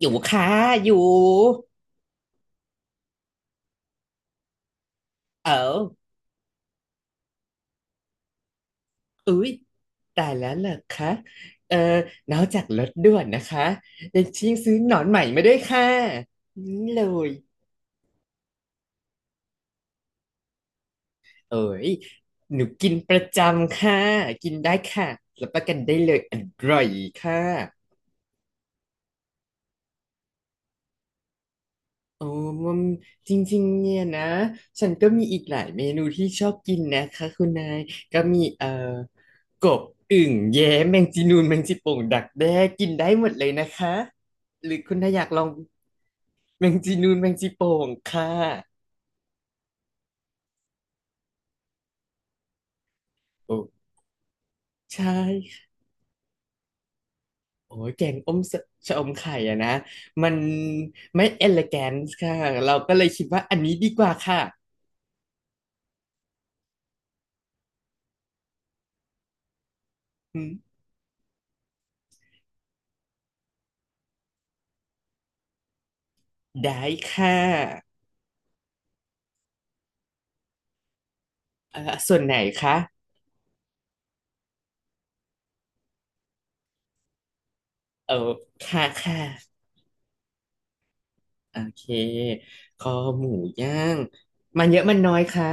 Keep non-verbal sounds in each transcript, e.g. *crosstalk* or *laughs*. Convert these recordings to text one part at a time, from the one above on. อยู่ค่ะอยู่เอออุ๊ยตายแล้วเหรอคะเออนอกจากรถด่วนนะคะยังชิงซื้อหนอนใหม่มาด้วยค่ะนี่เลยเอ้ยหนูกินประจำค่ะกินได้ค่ะรับประกันได้เลยอร่อยค่ะ โอ้มันจริงๆเนี่ยนะฉันก็มีอีกหลายเมนูที่ชอบกินนะคะคุณนายก็มีกบอึ่งแย้แมงจีนูนแมงจีโป่งดักแด้กินได้หมดเลยนะคะหรือคุณนายอยากลองแมงจีนูนแมงจีโป่งค่ะโอ้ใช่ค่ะโอ้ยแกงอมสชะอมไข่อะนะมันไม่เอล g แก n น e ค่ะเราก็เลยคิดว่าอันนี้ดีกว่าค่ะอืมได้ค่ะเอ่อส่วนไหนคะเออค่ะค่ะ โอเคคอหมูย่าง มันเยอะมันน้อยคะ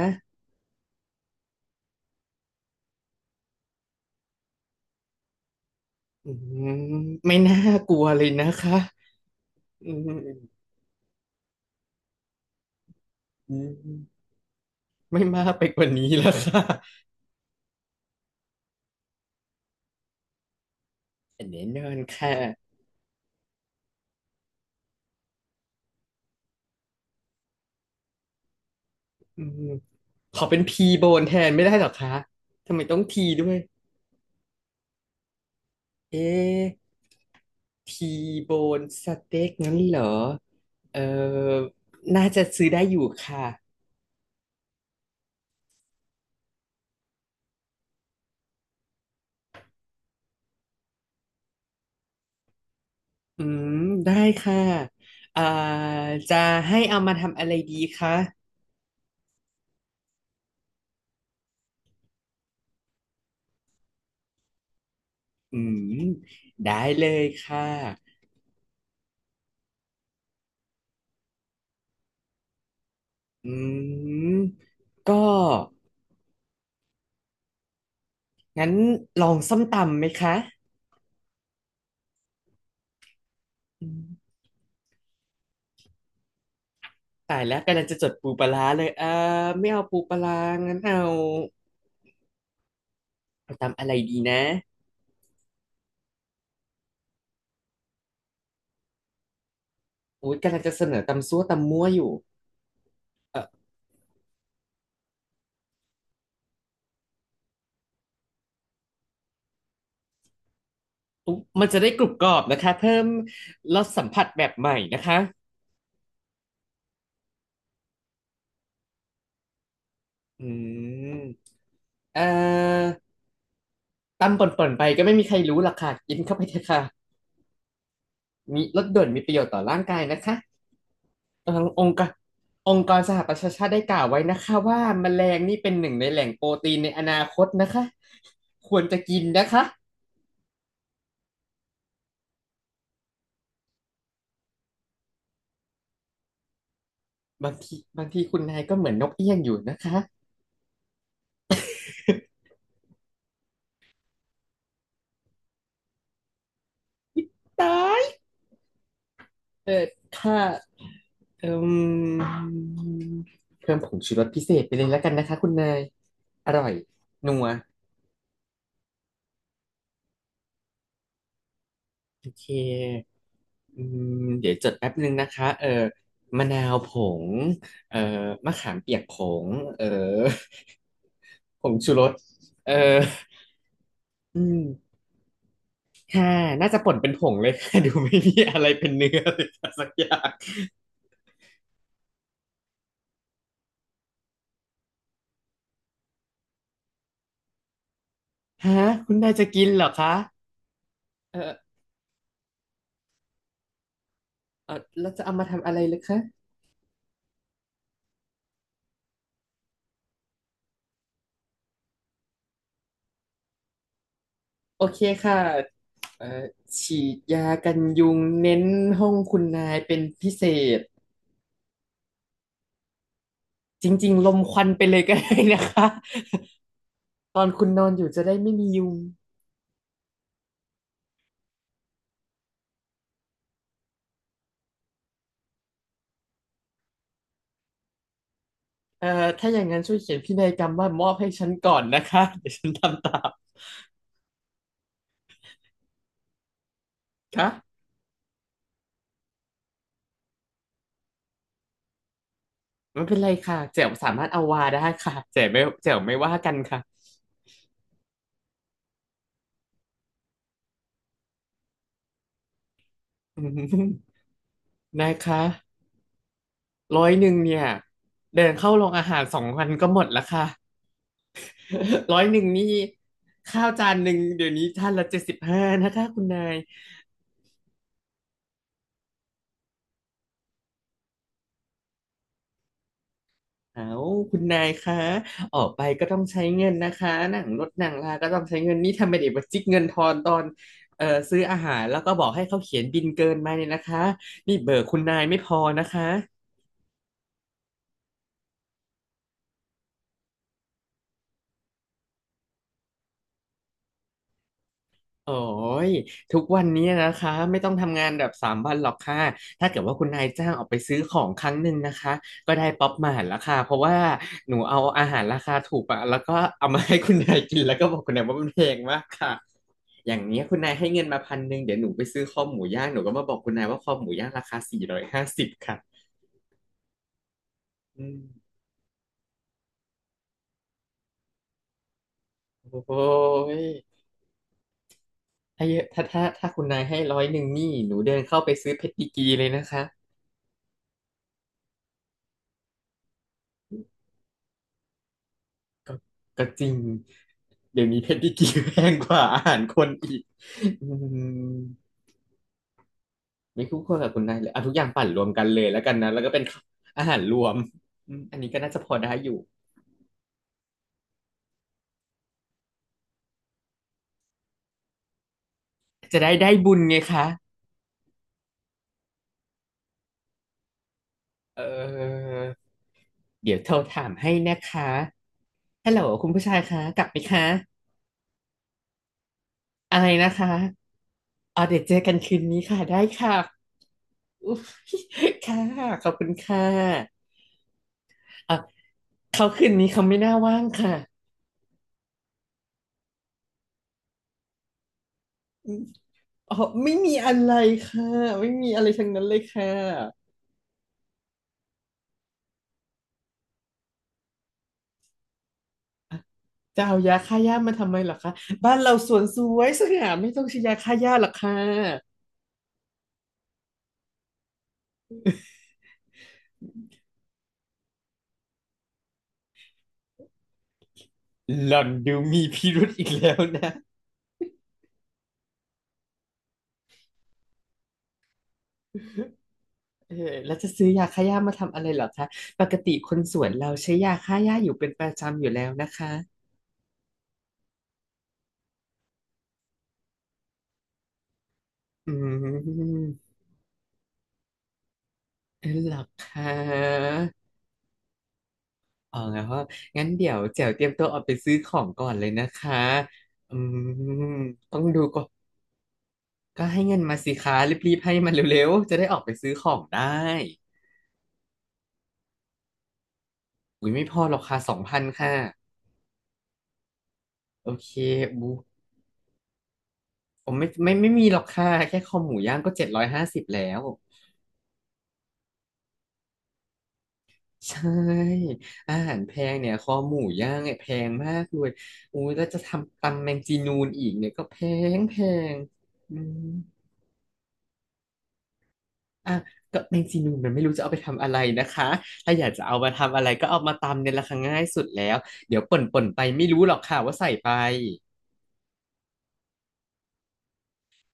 อืมไม่น่ากลัวเลยนะคะอืมอืมไม่มากไปกว่านี้แล้วค่ะแน่นอนค่ะอืมขอเป็นพีโบนแทนไม่ได้หรอคะทำไมต้องทีด้วยเอ๊ะทีโบนสเต็กงั้นเหรอ เออน่าจะซื้อได้อยู่ค่ะอืมได้ค่ะ อ่าจะให้เอามาทำอะไรดีคะ อืมได้เลยค่ะอืมก็งั้นลองส้มตำไหมคะอืมตายแล้วกำลังจะจดปูปลาร้าเลยเออไม่เอาปูปลาร้างั้นเอาเอาตำอะไรดีนะอุ๊ยกำลังจะเสนอตำซั่วตำมั่วอยู่เอออุ๊ยมันจะได้กรุบกรอบนะคะเพิ่มรสสัมผัสแบบใหม่นะคะอืมเอ่อตำป่นๆไปก็ไม่มีใครรู้หรอกค่ะกินเข้าไปเถอะค่ะมีรสด่วนมีประโยชน์ต่อร่างกายนะคะ ทางองค์การองค์กรสหประชาชาติได้กล่าวไว้นะคะว่าแมลงนี่เป็นหนึ่งในแหล่งโปรตีนในอนาคตนะคะควรจะกินนะคะบางทีบางทีคุณนายก็เหมือนนกเอี้ยงอยู่นะคะตายเออค่ะเอิ่มเพิ่มผงชูรสพิเศษไปเลยแล้วกันนะคะคุณนายอร่อยนัว โอเคอืมเดี๋ยวจดแป๊บนึงนะคะเออมะนาวผงเออมะขามเปียกผงเออผงชูรสเอออืมค่ะน่าจะป่นเป็นผงเลย *laughs* ค่ะ *laughs* ดูไม่มีอะไรเป็นเนื้อเลยค่ะสักอย่างฮะคุณนายจะกินเหรอคะเออเออแล้วจะเอามาทำอะไรเลยคะโอเคค่ะเออฉีดยากันยุงเน้นห้องคุณนายเป็นพิเศษ จริงๆ ลมควันไปเลยก็ได้นะคะ *laughs* ตอนคุณนอนอยู่จะได้ไม่มียุงเอ่อถ้าอย่างนั้นช่วยเขียนพินัยกรรมว่ามอบให้ฉันก่อนนะคะ *laughs* เดี๋ยวฉันทำตามค่ะไม่เป็นไรค่ะแจ๋วสามารถเอาวาได้ค่ะแจ๋วไม่แจ๋วไม่ว่ากันค่ะ *laughs* อืมนะคะ100เนี่ย เดินเข้าโรงอาหาร2 วันก็หมดแล้วค่ะ *laughs* 100นี่ข้าวจานหนึ่งเดี๋ยวนี้จานละ75นะคะคุณนาย เอาคุณนายคะออกไปก็ต้องใช้เงินนะคะหนังรถหนังลา ก็ต้องใช้เงินนี่ทำไมเด็กมาจิกเงินทอนตอนซื้ออาหารแล้วก็บอกให้เขาเขียนบิลเกินมาเนี่ยนะคะนี่เบอร์คุณนายไม่พอนะคะ โอ้ยทุกวันนี้นะคะไม่ต้องทำงานแบบ3 วันหรอกค่ะถ้าเกิดว่าคุณนายจ้างออกไปซื้อของครั้งหนึ่งนะคะก็ได้ป๊อปมาหารราคาเพราะว่าหนูเอาอาหารราคาถูกอะแล้วก็เอามาให้คุณนายกินแล้วก็บอกคุณนายว่ามันแพงมากค่ะอย่างเนี้ยคุณนายให้เงินมา1,000เดี๋ยวหนูไปซื้อคอหมูย่างหนูก็มาบอกคุณนายว่าคอหมูย่างราคา450ค่ะอืมโอ้ยถ้าเยอะถ้าคุณนายให้ร้อยหนึ่งนี่หนูเดินเข้าไปซื้อเพชรดีกรีเลยนะคะ ก็ก็จริงเดี๋ยวนี้เพดดิกีแพงกว่าอาหารคนอีกอืมไม่คู่ควรกับคุณนายเลยเอาทุกอย่างปั่นรวมกันเลยแล้วกันนะแล้วก็เป็นอาหารรวมอืมอันนี้ก็น่าจะพอได้อยู่จะได้ได้บุญไงคะเออเดี๋ยวโทรถามให้นะคะฮัลโหลคุณผู้ชายคะกลับไหมคะอะไรนะคะอ๋อเดี๋ยวเจอกันคืนนี้ค่ะได้ค่ะอุ๊ยค่ะขอบคุณค่ะเอ่ะเขาคืนนี้เขาไม่น่าว่างค่ะ อืมอ๋อไม่มีอะไรค่ะไม่มีอะไรทั้งนั้นเลยค่ะจะเอายาฆ่าหญ้ามาทำไมเหรอคะบ้านเราสวนสวยสง่าไม่ต้องใช้ยาฆ่าหญ้าหรอกค่ะหล่อนดูมีพิรุธอีกแล้วนะเออแล้วจะซื้อยาฆ่าหญ้ามาทำอะไรเหรอคะปกติคนสวนเราใช้ยาฆ่าหญ้าอยู่เป็นประจำอยู่แล้วนะคะอืมเออเหรอคะอ๋องั้นเดี๋ยวแจ๋วเตรียมตัวออกไปซื้อของก่อนเลยนะคะอืมต้องดูก่อน ก็ให้เงินมาสิคะรีบๆให้มันเร็วๆจะได้ออกไปซื้อของได้อุ้ยไม่พอหรอกค่ะ2,000ค่ะโอเคบูผมไม่มีหรอกค่ะแค่คอหมูย่างก็750แล้วใช่อาหารแพงเนี่ยคอหมูย่างเนี่ยแพงมากเลยอุ้ยแล้วจะทำตำแมงจีนูนอีกเนี่ยก็แพงแพงอืมอ่ะก็แมงจีนูนมันไม่รู้จะเอาไปทำอะไรนะคะถ้าอยากจะเอามาทำอะไรก็เอามาตำเนี่ยราคาง่ายสุดแล้วเดี๋ยวป่นป่นไปไม่รู้หรอกค่ะว่าใส่ไป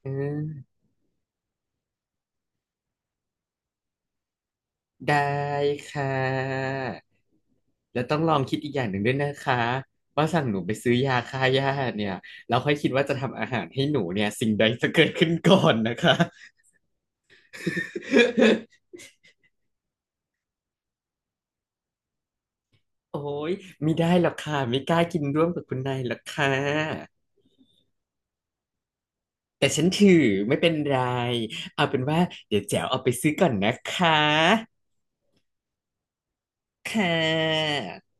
เออได้ค่ะแล้วต้องลองคิดอีกอย่างหนึ่งด้วยนะคะว่าสั่งหนูไปซื้อยาฆ่าหญ้าเนี่ยเราค่อยคิดว่าจะทำอาหารให้หนูเนี่ยสิ่งใดจะเกิดขึ้นก่อนนะคะ *laughs* โอ้ยไม่ได้หรอกค่ะไม่กล้ากินร่วมกับคุณนายหรอกค่ะแต่ฉันถือไม่เป็นไรเอาเป็นว่าเดี๋ยวแจ๋วเอาไปซื้อก่อนนะคะค่ะ